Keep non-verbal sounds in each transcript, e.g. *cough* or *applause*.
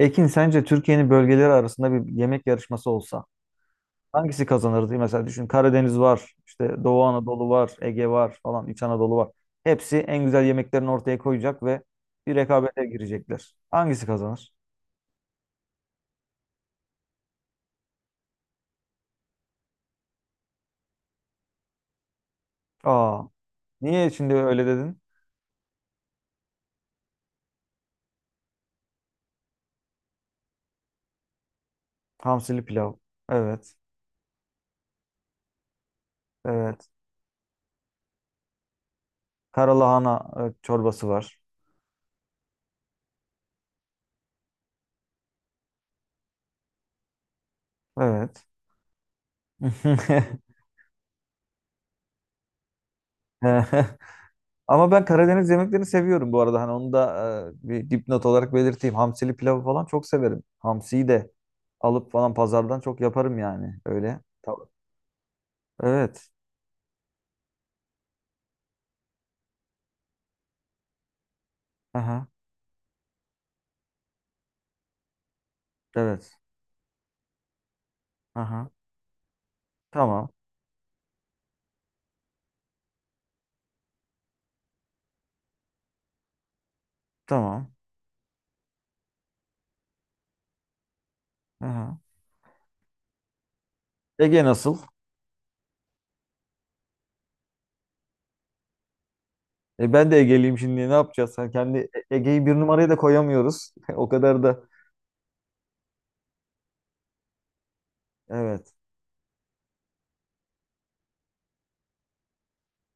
Ekin sence Türkiye'nin bölgeleri arasında bir yemek yarışması olsa hangisi kazanırdı? Mesela düşün Karadeniz var, işte Doğu Anadolu var, Ege var falan, İç Anadolu var. Hepsi en güzel yemeklerini ortaya koyacak ve bir rekabete girecekler. Hangisi kazanır? Aa, niye şimdi öyle dedin? Hamsili pilav. Evet. Evet. Karalahana çorbası var. Evet. *laughs* *laughs* Ama ben Karadeniz yemeklerini seviyorum bu arada. Hani onu da bir dipnot olarak belirteyim. Hamsili pilavı falan çok severim. Hamsiyi de alıp falan pazardan çok yaparım yani öyle. Tamam. Evet. Aha. Evet. Aha. Tamam. Tamam. Aha. Ege nasıl? E ben de Ege'liyim şimdi. Ne yapacağız? Hani kendi E- Ege'yi bir numaraya da koyamıyoruz. *laughs* O kadar da. Evet.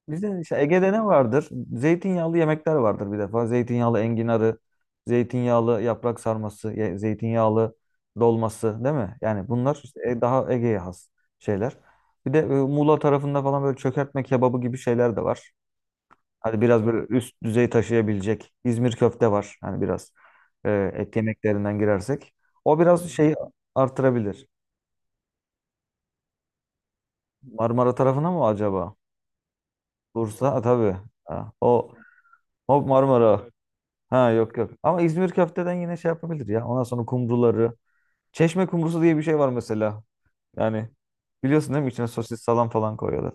Bizde işte Ege'de ne vardır? Zeytinyağlı yemekler vardır bir defa. Zeytinyağlı enginarı, zeytinyağlı yaprak sarması, ye- zeytinyağlı dolması değil mi? Yani bunlar işte daha Ege'ye has şeyler. Bir de Muğla tarafında falan böyle çökertme kebabı gibi şeyler de var. Hadi biraz böyle üst düzey taşıyabilecek. İzmir köfte var. Hani biraz et yemeklerinden girersek. O biraz şeyi artırabilir. Marmara tarafına mı acaba? Bursa. Ha, tabii. Ha, o, o Marmara. Ha yok yok. Ama İzmir köfteden yine şey yapabilir ya. Ondan sonra kumruları. Çeşme kumrusu diye bir şey var mesela. Yani biliyorsun değil mi? İçine sosis salam falan koyuyorlar.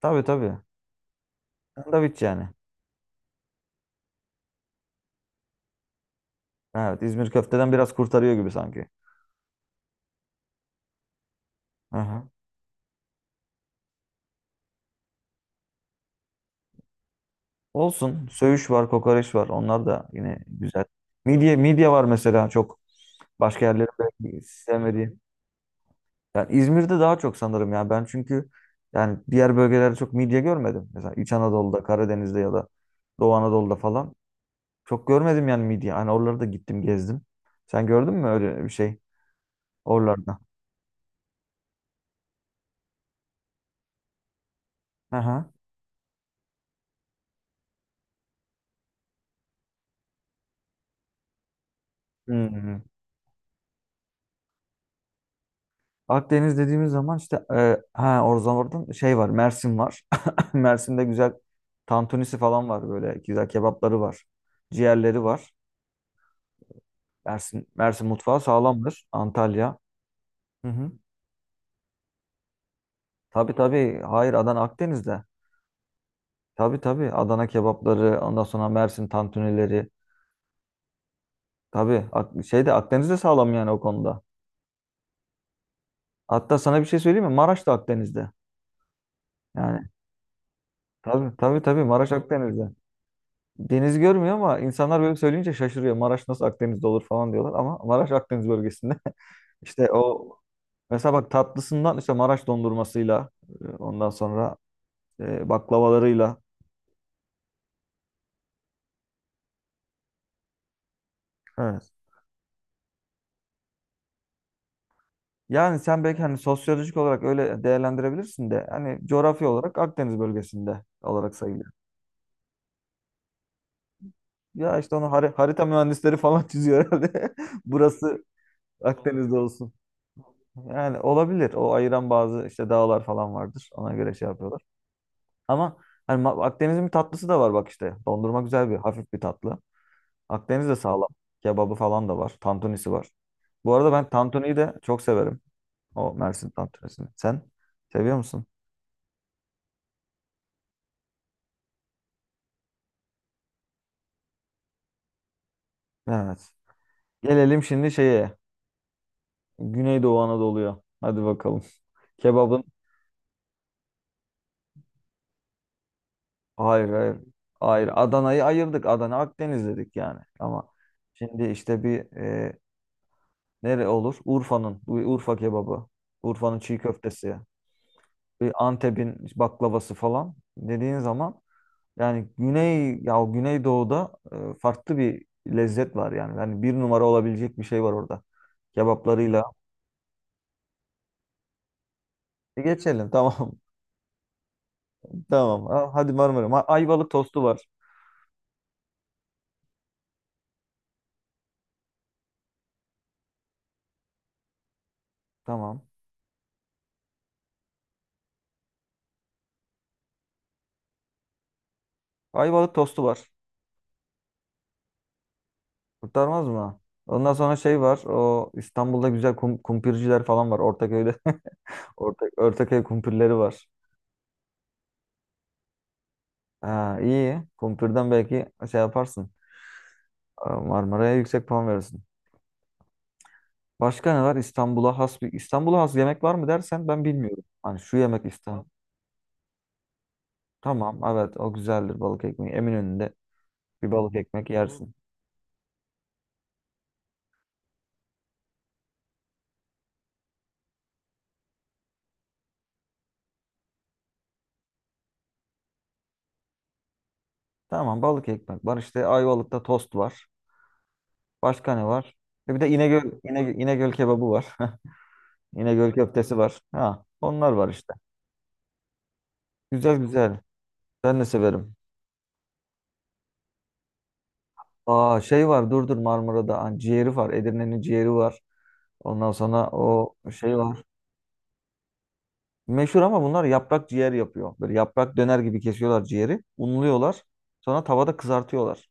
Tabii tabii. Sandviç yani. Evet İzmir köfteden biraz kurtarıyor gibi sanki. Aha. Olsun. Söğüş var, kokoreç var. Onlar da yine güzel. Midye, midye var mesela çok. Başka yerlerin belki sevmediği. Yani İzmir'de daha çok sanırım ya. Ben çünkü yani diğer bölgelerde çok midye görmedim. Mesela İç Anadolu'da, Karadeniz'de ya da Doğu Anadolu'da falan. Çok görmedim yani midye. Hani oraları da gittim gezdim. Sen gördün mü öyle bir şey oralarda? Aha. Hmm. Akdeniz dediğimiz zaman işte ha oradan oradan şey var Mersin var. *laughs* Mersin'de güzel tantunisi falan var böyle güzel kebapları var. Ciğerleri var. Mersin, Mersin mutfağı sağlamdır. Antalya. Hı hı. Tabii tabii. Hayır Adana Akdeniz'de. Tabii tabii. Adana kebapları ondan sonra Mersin tantunileri. Tabii Ak- şeyde Akdeniz'de sağlam yani o konuda. Hatta sana bir şey söyleyeyim mi? Maraş da Akdeniz'de. Yani tabii tabii tabii Maraş Akdeniz'de. Deniz görmüyor ama insanlar böyle söyleyince şaşırıyor. Maraş nasıl Akdeniz'de olur falan diyorlar ama Maraş Akdeniz bölgesinde. *laughs* İşte o mesela bak tatlısından işte Maraş dondurmasıyla ondan sonra baklavalarıyla. Evet. Yani sen belki hani sosyolojik olarak öyle değerlendirebilirsin de hani coğrafi olarak Akdeniz bölgesinde olarak sayılıyor. Ya işte onu hari- harita mühendisleri falan *laughs* çiziyor herhalde. *laughs* Burası Akdeniz'de olsun. Yani olabilir. O ayıran bazı işte dağlar falan vardır. Ona göre şey yapıyorlar. Ama hani Ma- Akdeniz'in bir tatlısı da var bak işte. Dondurma güzel bir hafif bir tatlı. Akdeniz de sağlam. Kebabı falan da var. Tantunisi var. Bu arada ben tantuniyi de çok severim. O Mersin tantunisini. Sen seviyor musun? Evet. Gelelim şimdi şeye. Güneydoğu Anadolu'ya. Hadi bakalım. *laughs* Kebabın hayır hayır. Hayır Adana'yı ayırdık. Adana Akdeniz dedik yani. Ama şimdi işte bir. Nere olur? Urfa'nın. Urfa kebabı. Urfa'nın çiğ köftesi. Bir Antep'in baklavası falan dediğin zaman yani Güney ya Güneydoğu'da farklı bir lezzet var yani. Yani bir numara olabilecek bir şey var orada. Kebaplarıyla. Geçelim tamam. *laughs* Tamam. Ha, Hadi Marmara. Ma- Ayvalık tostu var. Tamam. Ayvalık tostu var. Kurtarmaz mı? Ondan sonra şey var. O İstanbul'da güzel kum, kumpirciler falan var. Ortaköy'de. *laughs* Ortak, Ortaköy kumpirleri var. Ha, iyi. Kumpir'den belki şey yaparsın. Marmara'ya yüksek puan verirsin. Başka ne var? İstanbul'a has bir İstanbul'a has yemek var mı dersen ben bilmiyorum. Hani şu yemek İstanbul. Tamam evet o güzeldir balık ekmeği. Eminönü'nde bir balık ekmek yersin. Tamam balık ekmek var. İşte Ayvalık'ta tost var. Başka ne var? E Bir de İnegöl, İnegöl, İnegöl kebabı var. *laughs* İnegöl köftesi var. Ha, onlar var işte. Güzel güzel. Ben de severim. Aa şey var dur dur Marmara'da. Hani ciğeri var. Edirne'nin ciğeri var. Ondan sonra o şey var. Meşhur ama bunlar yaprak ciğer yapıyor. Böyle yaprak döner gibi kesiyorlar ciğeri. Unluyorlar. Sonra tavada kızartıyorlar.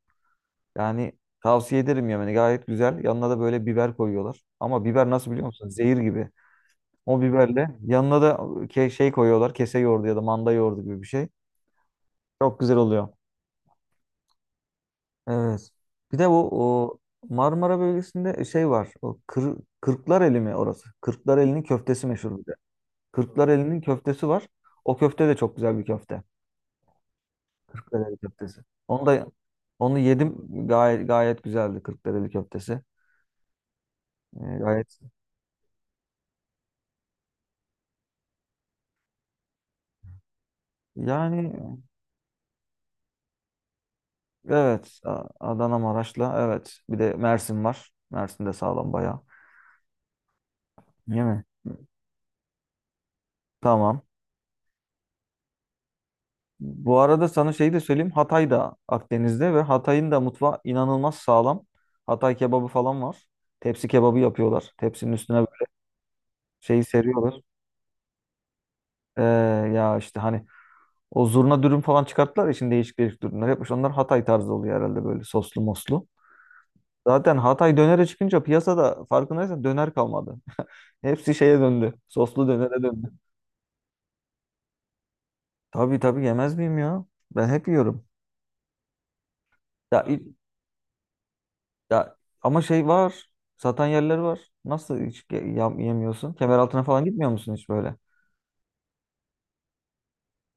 Yani tavsiye ederim yemeni. Gayet güzel. Yanına da böyle biber koyuyorlar. Ama biber nasıl biliyor musun? Zehir gibi. O biberle yanına da ke- şey koyuyorlar. Kese yoğurdu ya da manda yoğurdu gibi bir şey. Çok güzel oluyor. Evet. Bir de bu o Marmara bölgesinde şey var. O kır, Kırklareli mi orası? Kırklareli'nin köftesi meşhur. Kırklareli'nin köftesi var. O köfte de çok güzel bir köfte. Kırklareli köftesi. Onu da onu yedim. Gayet gayet güzeldi Kırklareli köftesi. Gayet yani evet A- Adana Maraş'la evet. Bir de Mersin var. Mersin de sağlam bayağı. Değil mi? Tamam. Bu arada sana şeyi de söyleyeyim. Hatay da Akdeniz'de ve Hatay'ın da mutfağı inanılmaz sağlam. Hatay kebabı falan var. Tepsi kebabı yapıyorlar. Tepsinin üstüne böyle şeyi seriyorlar. Ee, ya işte hani O zurna dürüm falan çıkarttılar ya şimdi değişik değişik dürümler yapmış. Onlar Hatay tarzı oluyor herhalde böyle soslu moslu. Zaten Hatay dönere çıkınca piyasada farkındaysan döner kalmadı. *laughs* Hepsi şeye döndü. Soslu dönere döndü. Tabii tabii yemez miyim ya? Ben hep yiyorum. Ya, i- ya ama şey var. Satan yerleri var. Nasıl hiç ge- yam- yemiyorsun? Kemeraltına falan gitmiyor musun hiç böyle?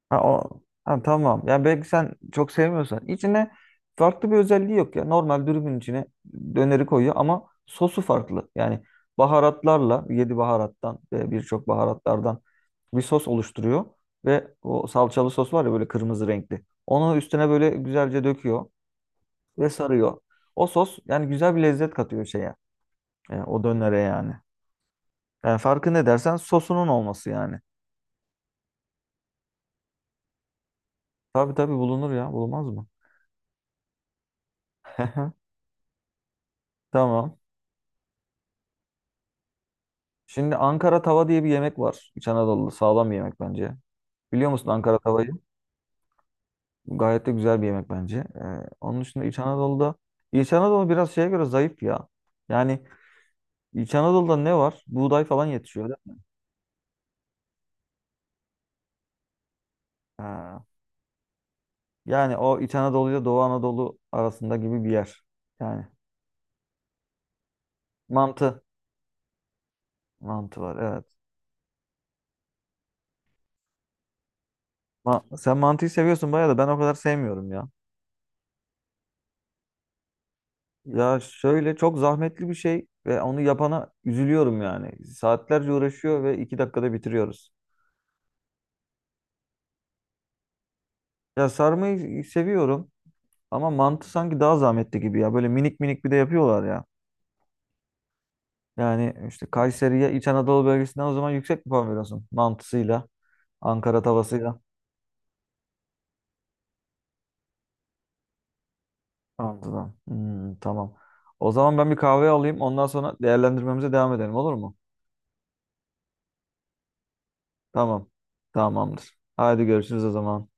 Ha, o, ha, tamam. Ya belki sen çok sevmiyorsan. İçine farklı bir özelliği yok ya. Normal dürümün içine döneri koyuyor ama sosu farklı. Yani baharatlarla, 7 baharattan ve birçok baharatlardan bir sos oluşturuyor. Ve o salçalı sos var ya böyle kırmızı renkli. Onu üstüne böyle güzelce döküyor ve sarıyor. O sos yani güzel bir lezzet katıyor şeye. O dönere yani. Yani farkı ne dersen sosunun olması yani. Tabii tabii bulunur ya. Bulunmaz mı? *laughs* Tamam. Şimdi Ankara tava diye bir yemek var. İç Anadolu'da sağlam bir yemek bence. Biliyor musun Ankara tavayı? Gayet de güzel bir yemek bence. Onun dışında İç Anadolu'da İç Anadolu biraz şeye göre zayıf ya. Yani İç Anadolu'da ne var? Buğday falan yetişiyor değil mi? Ha. Yani o İç Anadolu ile Doğu Anadolu arasında gibi bir yer. Yani mantı. Mantı var evet. Ma- sen mantıyı seviyorsun bayağı da ben o kadar sevmiyorum ya. Ya şöyle çok zahmetli bir şey ve onu yapana üzülüyorum yani. Saatlerce uğraşıyor ve 2 dakikada bitiriyoruz. Ya sarmayı seviyorum ama mantı sanki daha zahmetli gibi ya. Böyle minik minik bir de yapıyorlar ya. Yani işte Kayseri'ye İç Anadolu bölgesinden o zaman yüksek bir puan veriyorsun. Mantısıyla, Ankara tavasıyla. Mantıdan. Hmm, tamam. O zaman ben bir kahve alayım. Ondan sonra değerlendirmemize devam edelim olur mu? Tamam. Tamamdır. Haydi görüşürüz o zaman.